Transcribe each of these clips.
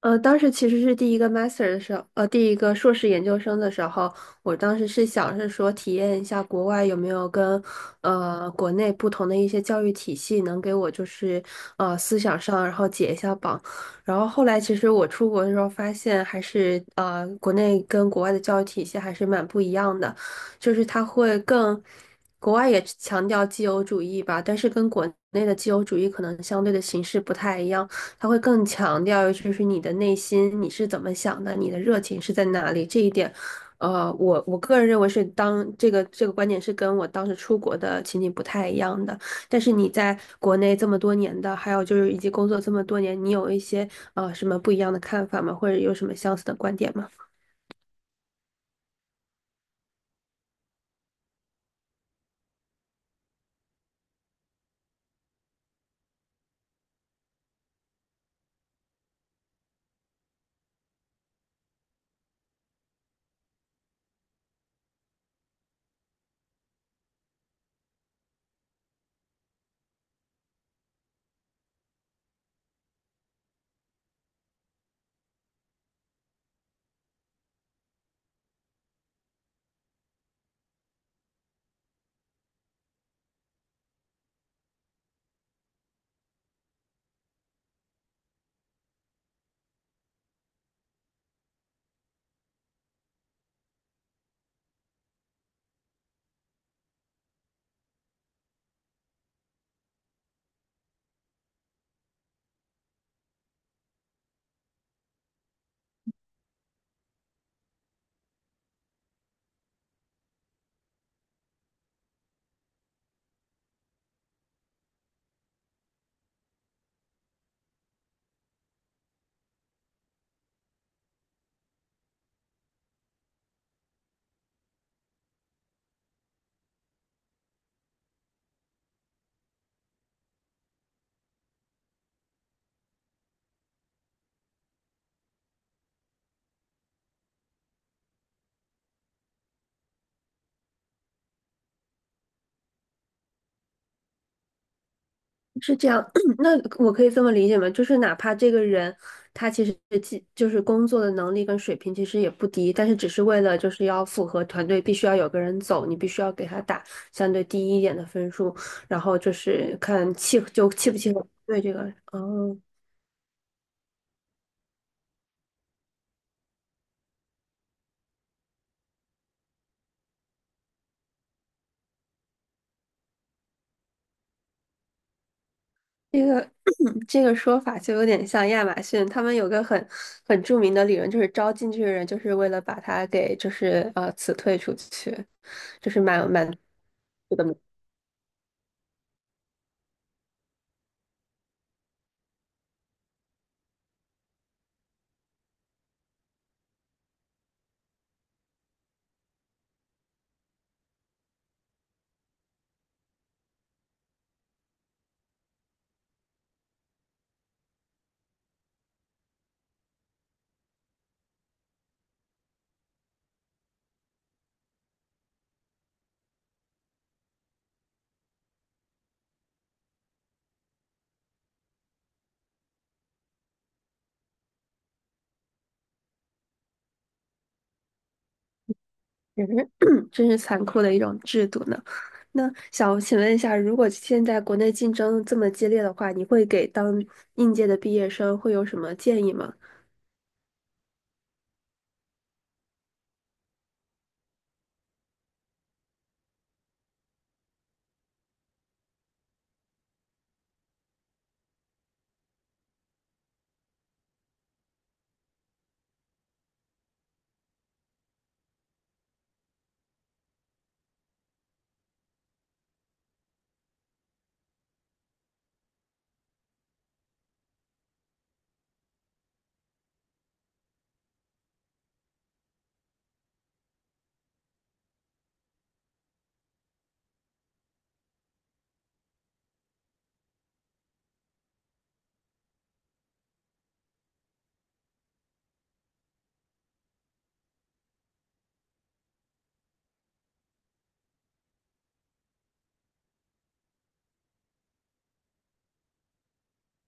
当时其实是第一个 master 的时候，第一个硕士研究生的时候，我当时是想是说体验一下国外有没有跟国内不同的一些教育体系能给我就是思想上然后解一下绑，然后后来其实我出国的时候发现还是国内跟国外的教育体系还是蛮不一样的，就是它会更。国外也强调自由主义吧，但是跟国内的自由主义可能相对的形式不太一样。他会更强调就是你的内心，你是怎么想的，你的热情是在哪里这一点。我个人认为是当这个观点是跟我当时出国的情景不太一样的。但是你在国内这么多年的，还有就是以及工作这么多年，你有一些什么不一样的看法吗？或者有什么相似的观点吗？是这样，那我可以这么理解吗？就是哪怕这个人他其实既就是工作的能力跟水平其实也不低，但是只是为了就是要符合团队，必须要有个人走，你必须要给他打相对低一点的分数，然后就是看契就契不契合对这个人。哦，这个 这个说法就有点像亚马逊，他们有个很著名的理论，就是招进去的人就是为了把他给就是辞退出去，就是蛮。真是 真是残酷的一种制度呢。那想请问一下，如果现在国内竞争这么激烈的话，你会给当应届的毕业生会有什么建议吗？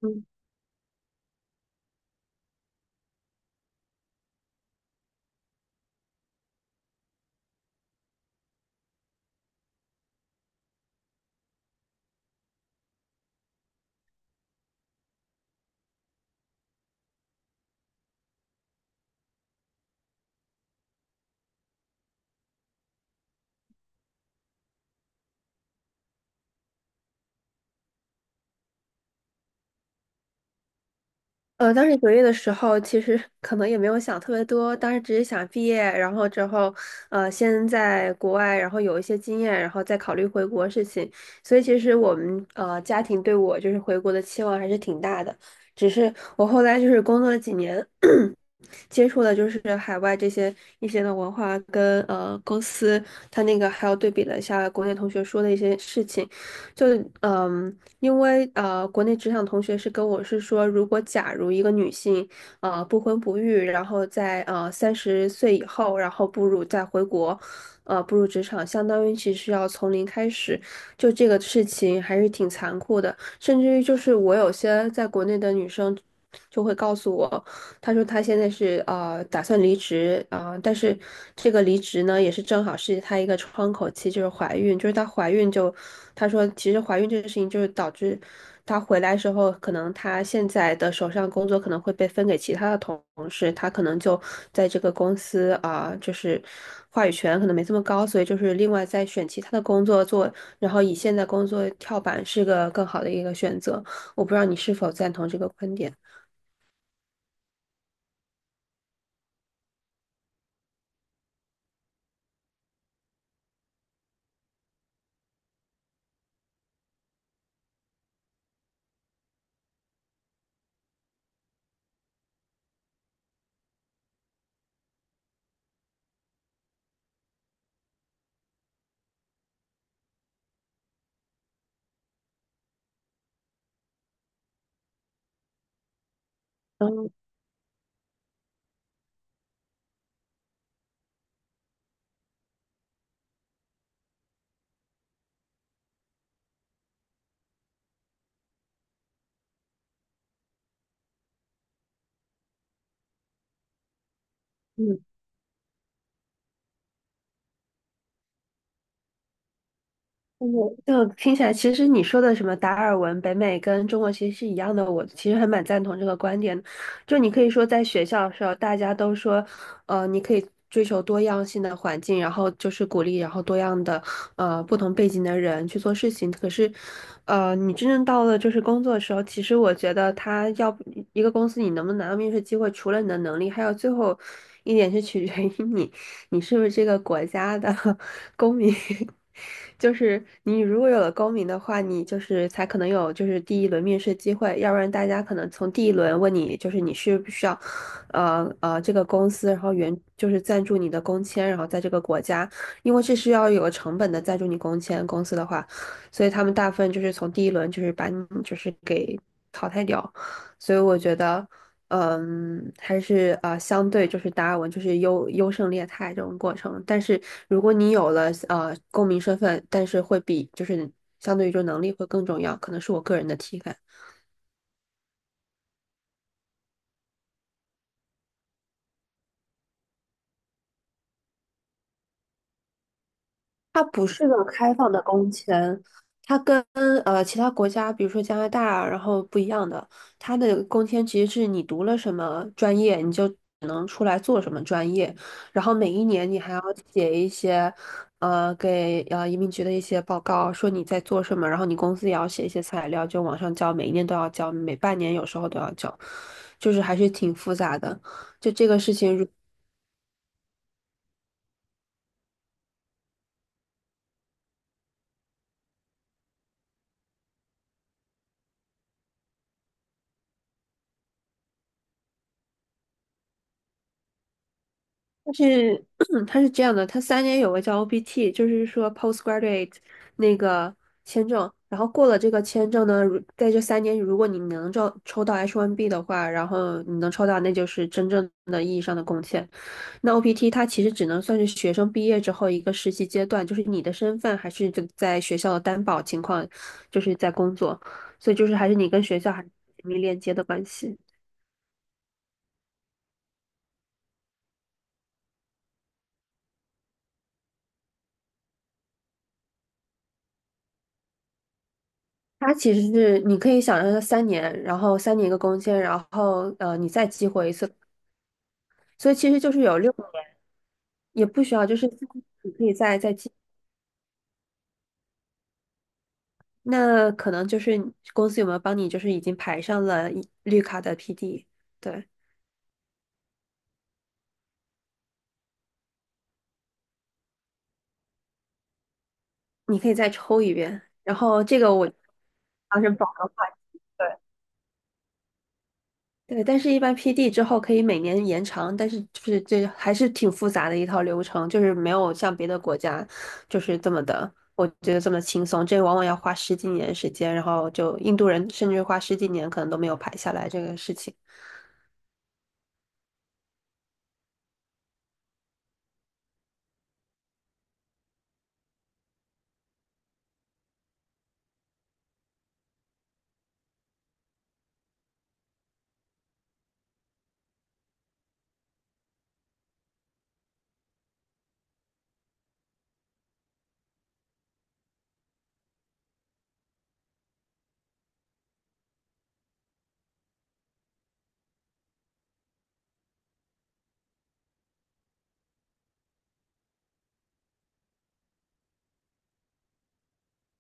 嗯。当时就业的时候，其实 可能也没有想特别多，当时只是想毕业，然后之后，先在国外，然后有一些经验，然后再考虑回国事情。所以其实我们家庭对我就是回国的期望还是挺大的，只是我后来就是工作了几年。接触的就是海外这些一些的文化跟公司，他那个还有对比了一下国内同学说的一些事情，就嗯，因为国内职场同学是跟我是说，如果假如一个女性不婚不育，然后在30岁以后，然后步入再回国。步入职场，相当于其实要从零开始，就这个事情还是挺残酷的。甚至于就是我有些在国内的女生就会告诉我。他说他现在是打算离职啊、但是这个离职呢也是正好是他一个窗口期，就是怀孕，就是她怀孕就，他说其实怀孕这个事情就是导致她回来时候，可能她现在的手上工作可能会被分给其他的同事，她可能就在这个公司啊、就是话语权可能没这么高，所以就是另外再选其他的工作做，然后以现在工作跳板是个更好的一个选择。我不知道你是否赞同这个观点。嗯。我就听起来，其实你说的什么达尔文、北美跟中国其实是一样的，我其实还蛮赞同这个观点的就你可以说，在学校的时候，大家都说，你可以追求多样性的环境，然后就是鼓励，然后多样的，不同背景的人去做事情。可是，你真正到了就是工作的时候，其实我觉得他要不一个公司你能不能拿到面试机会，除了你的能力，还有最后一点是取决于你。你是不是这个国家的 公民？就是你如果有了公民的话，你就是才可能有就是第一轮面试机会，要不然大家可能从第一轮问你就是你需不需要，这个公司，然后原就是赞助你的工签，然后在这个国家，因为这是要有成本的赞助你工签公司的话，所以他们大部分就是从第一轮就是把你就是给淘汰掉，所以我觉得。嗯，还是相对就是达尔文就是优胜劣汰这种过程。但是如果你有了公民身份，但是会比就是相对于说能力会更重要，可能是我个人的体感。它不是个开放的工签，它跟其他国家，比如说加拿大，然后不一样的。它的工签其实是你读了什么专业，你就只能出来做什么专业，然后每一年你还要写一些给移民局的一些报告，说你在做什么，然后你公司也要写一些材料，就往上交，每一年都要交，每半年有时候都要交，就是还是挺复杂的。就这个事情，如但是 它是这样的，它三年有个叫 OPT,就是说 postgraduate 那个签证，然后过了这个签证呢，如在这三年，如果你能抽到 H1B 的话，然后你能抽到，那就是真正的意义上的贡献。那 OPT 它其实只能算是学生毕业之后一个实习阶段，就是你的身份还是就在学校的担保情况，就是在工作，所以就是还是你跟学校还是紧密链接的关系。它其实是你可以想象它三年，然后3年一个工签，然后你再激活一次，所以其实就是有6年，也不需要，就是你可以再激。那可能就是公司有没有帮你，就是已经排上了一绿卡的 PD,对，你可以再抽一遍。然后这个我当时保的话题，对对，但是一般 PD 之后可以每年延长，但是就是这还是挺复杂的一套流程，就是没有像别的国家就是这么的，我觉得这么轻松，这往往要花十几年时间，然后就印度人甚至花十几年可能都没有排下来这个事情。